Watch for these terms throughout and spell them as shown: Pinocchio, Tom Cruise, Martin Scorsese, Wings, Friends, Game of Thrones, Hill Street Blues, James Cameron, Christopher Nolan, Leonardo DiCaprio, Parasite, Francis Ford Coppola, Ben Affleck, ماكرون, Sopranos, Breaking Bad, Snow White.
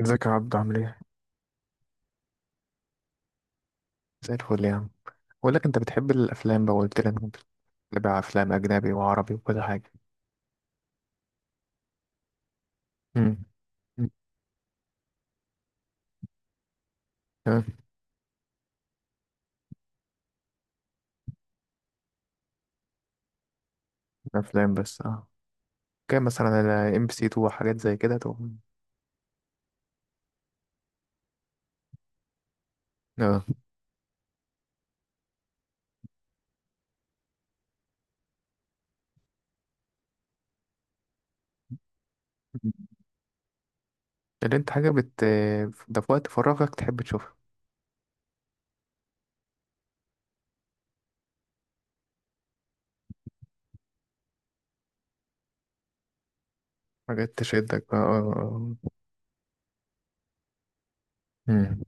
ازيك يا عبدو عامل ايه؟ زي الفل يا عم. بقول لك، انت بتحب الافلام بقى قلت لي انك بتتابع افلام اجنبي وعربي وكل حاجه. امم. تمام. افلام بس، اه. كان مثلا على ام بي سي 2 وحاجات زي كده. اه. مم. اللي انت حاجه بت ده في وقت فراغك تحب تشوفها. حاجات تشدك بقى، اه. امم.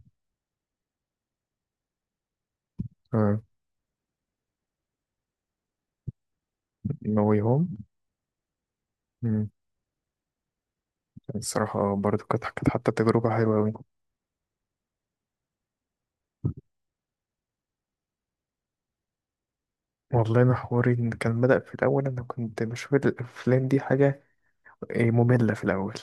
اه، نوي هوم. امم. الصراحه برضو كانت حتى تجربه حلوه قوي. والله انا حواري إن كان بدأ في الاول، انا كنت بشوف الافلام دي حاجه إيه، ممله في الاول.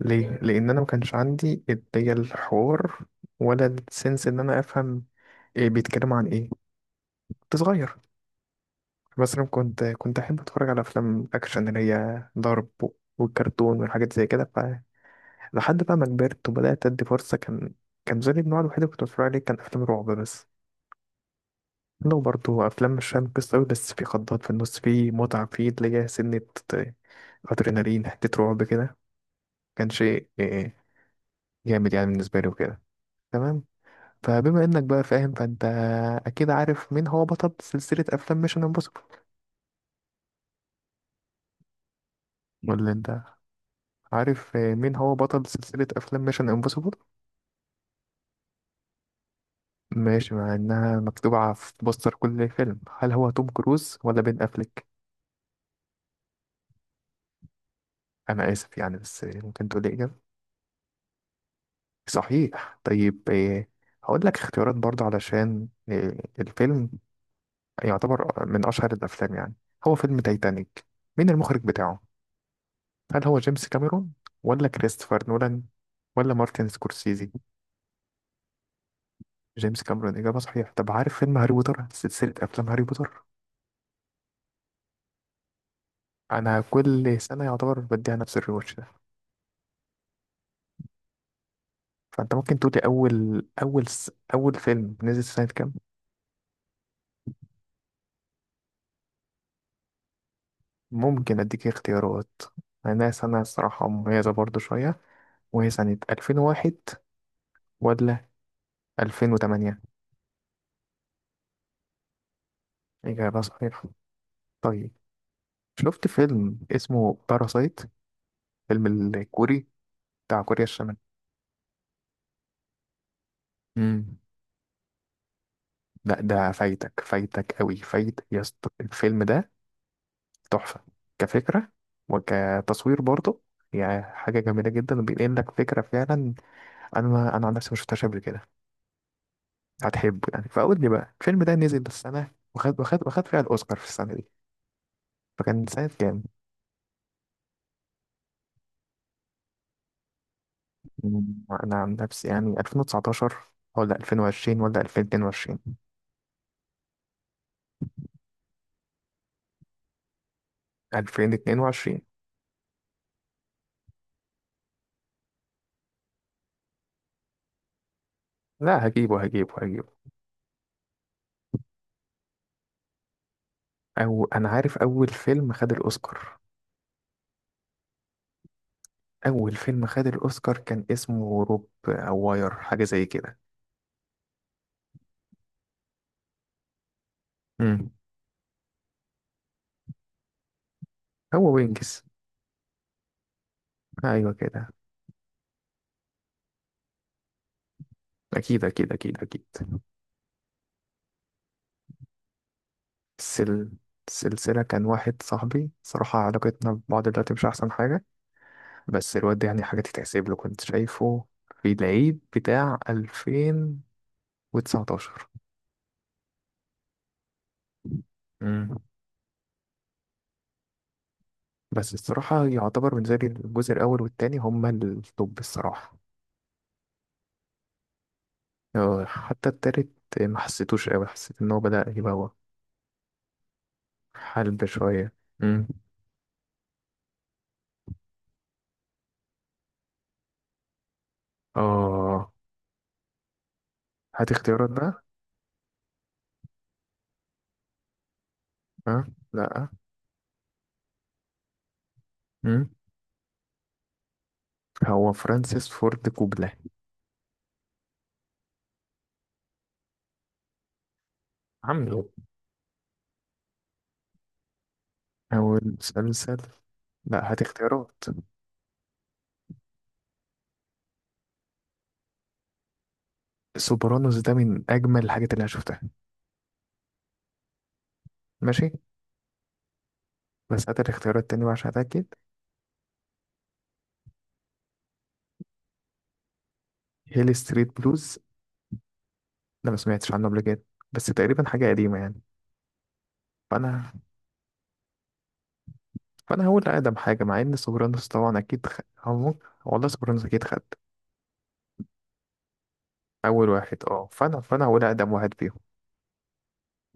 ليه؟ لأن أنا ما كانش عندي اللي هي الحوار ولا السنس إن أنا أفهم إيه بيتكلم عن إيه، كنت صغير. مثلا كنت أحب أتفرج على أفلام أكشن اللي هي ضرب والكرتون والحاجات زي كده. فلحد بقى ما كبرت وبدأت أدي فرصة، كان كان زي النوع الوحيد اللي كنت بتفرج عليه كان أفلام رعب بس، لو برضه أفلام مش فاهم قصة أوي، بس في خضات في النص، في متعة، في اللي هي سنة أدرينالين، حتة رعب كده، كان شيء إيه، جامد يعني بالنسبة لي وكده. تمام. فبما انك بقى فاهم، فانت اكيد عارف مين هو بطل سلسلة افلام ميشن امبوسيبل. ولا انت عارف مين هو بطل سلسلة افلام ميشن امبوسيبل؟ ماشي، مع انها مكتوبة على في بوستر كل فيلم، هل هو توم كروز ولا بين افليك؟ انا اسف يعني، بس ممكن تقول لي اجابة؟ صحيح. طيب إيه، هقول لك اختيارات برضه علشان إيه، الفيلم يعتبر من اشهر الافلام يعني. هو فيلم تايتانيك، مين المخرج بتاعه؟ هل هو جيمس كاميرون ولا كريستوفر نولان ولا مارتن سكورسيزي؟ جيمس كاميرون، إجابة صحيحة. طب عارف فيلم هاري بوتر، سلسلة أفلام هاري بوتر؟ أنا كل سنة يعتبر بديها نفس الريواتش ده. فأنت ممكن تقولي أول فيلم نزل سنة كام؟ ممكن أديك اختيارات. أنا سنة الصراحة مميزة برضو شوية، وهي سنة 2001 ولا 2008؟ إجابة صحيحة. طيب شفت فيلم اسمه باراسايت؟ فيلم الكوري، بتاع كوريا الشمالية. لا، ده فايتك فايتك قوي فايتك يا اسطى، الفيلم ده تحفة كفكرة وكتصوير برضه، يعني حاجة جميلة جدا وبينقل لك فكرة فعلا. أنا عن نفسي ما شفتهاش قبل كده. هتحبه يعني، فقول لي بقى الفيلم ده نزل السنة وخد وخد وخد فيها الأوسكار في السنة دي، فكان سنة كام؟ مم، أنا عن نفسي يعني 2019 ولا 2020 ولا 2022؟ 2022. لا، هجيبه هجيبه هجيبه. أو أنا عارف أول فيلم خد الأوسكار. اول فيلم خد الاوسكار كان اسمه روب او واير، حاجه زي كده. امم. هو وينجز. ايوه كده. اكيد اكيد اكيد اكيد. السل... السلسله كان واحد صاحبي، صراحه علاقتنا ببعض دلوقتي مش احسن حاجه، بس الواد ده يعني حاجه تتحسب له، كنت شايفه في العيد بتاع 2019. امم. بس الصراحه يعتبر بالنسبه لي الجزء الاول والتاني هما التوب الصراحه. آه، حتى التالت ما حسيتوش قوي، حسيت ان هو بدأ يبوخ. حلب شوية. مم. اه، هات اختيارات بقى. اه، لا. مم. هو فرانسيس فورد كوبلا. عمي. أول مسلسل. لا، هات اختيارات. سوبرانوس ده من أجمل الحاجات اللي أنا شفتها. ماشي، بس هات الاختيارات تاني بقى عشان أتأكد. هيل ستريت بلوز، ده ما سمعتش عنه قبل كده، بس تقريبا حاجة قديمة يعني. فأنا فأنا هقول أقدم حاجة، مع إن سوبرانوس طبعا أكيد هو ممكن، والله سوبرانوس أكيد خد أول واحد، أه. فأنا هقول أقدم واحد فيهم.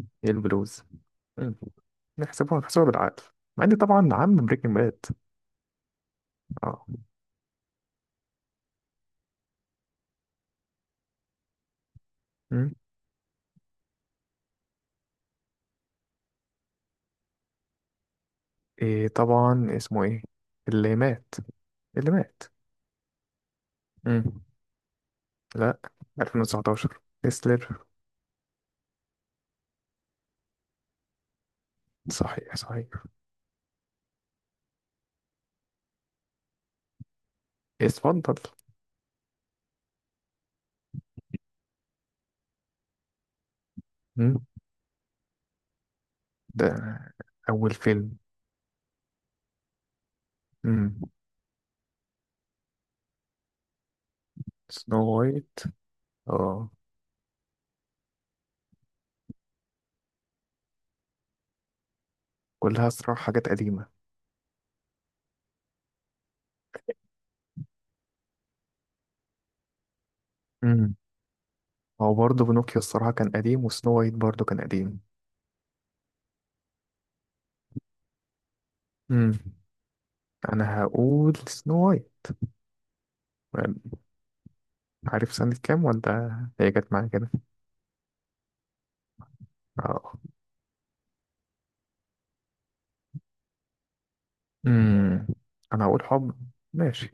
هي البلوز. نحسبها نحسبها بالعقل، مع ان طبعا عم بريكنج باد. اه. مم. ايه طبعا، اسمه ايه، اللي مات، اللي مات؟ مم. لا، 2019 تسلر. صحيح صحيح. اتفضل. مم. ده اول فيلم. مم. سنو وايت، اه. كلها صراحة حاجات قديمة. مم. هو برضه بنوكيو الصراحة كان قديم، وسنو وايت برضه كان قديم. مم. انا هقول سنو وايت. عارف سنة كام ولا؟ هي جت معايا كده. اه. امم. انا هقول حب. ماشي.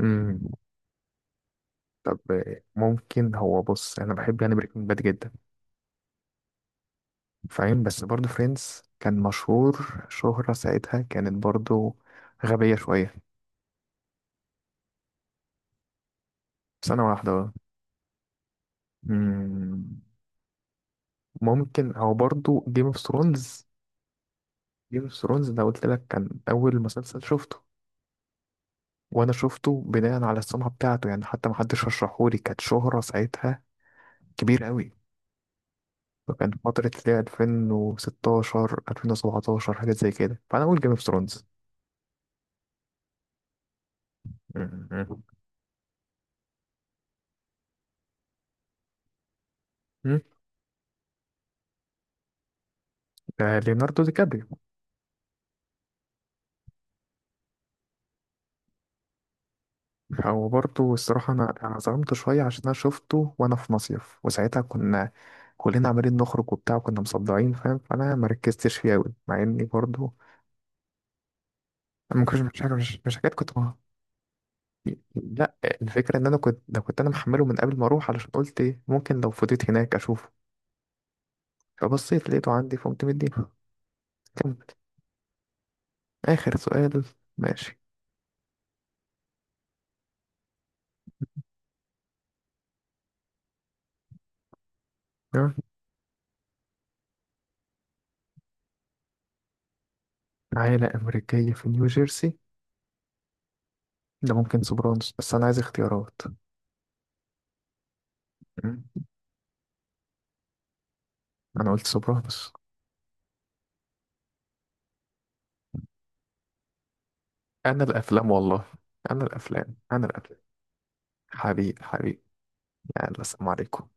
امم. طب آه، ممكن هو، بص انا بحب يعني بريكنج باد جدا فاهم، بس برضه فريندز كان مشهور شهرة ساعتها كانت برضه غبية شوية. سنة واحدة، اه. امم. ممكن هو برضه جيم اوف ثرونز. جيم اوف ثرونز ده قلت لك كان اول مسلسل شفته، وانا شفته بناء على السمعة بتاعته يعني، حتى ما حدش رشحهولي، كانت شهرة ساعتها كبيرة قوي، فكان فترة اللي هي 2016 2017 حاجات زي كده، فأنا أقول جيم اوف ثرونز. ليوناردو دي كابريو. هو برضه الصراحة أنا ظلمت شوية عشان أنا شفته وأنا في مصيف، وساعتها كنا كلنا عمالين نخرج وبتاع وكنا مصدعين فاهم، فأنا مركزتش فيه أوي، مع إني برضه أنا ما كنتش مش حاجة مش حاجات كنت لا، الفكرة إن أنا كنت ده، كنت أنا محمله من قبل ما أروح، علشان قلت إيه ممكن لو فضيت هناك أشوفه، فبصيت لقيته عندي فقمت مديه. كمل. آخر سؤال. ماشي. جرب. عائلة أمريكية في نيو جيرسي. ده ممكن سوبرانوس، بس أنا عايز اختيارات. مم. أنا قلت سوبرانوس. أنا الأفلام والله، أنا الأفلام أنا الأفلام. حبيب حبيب. يلا، السلام عليكم.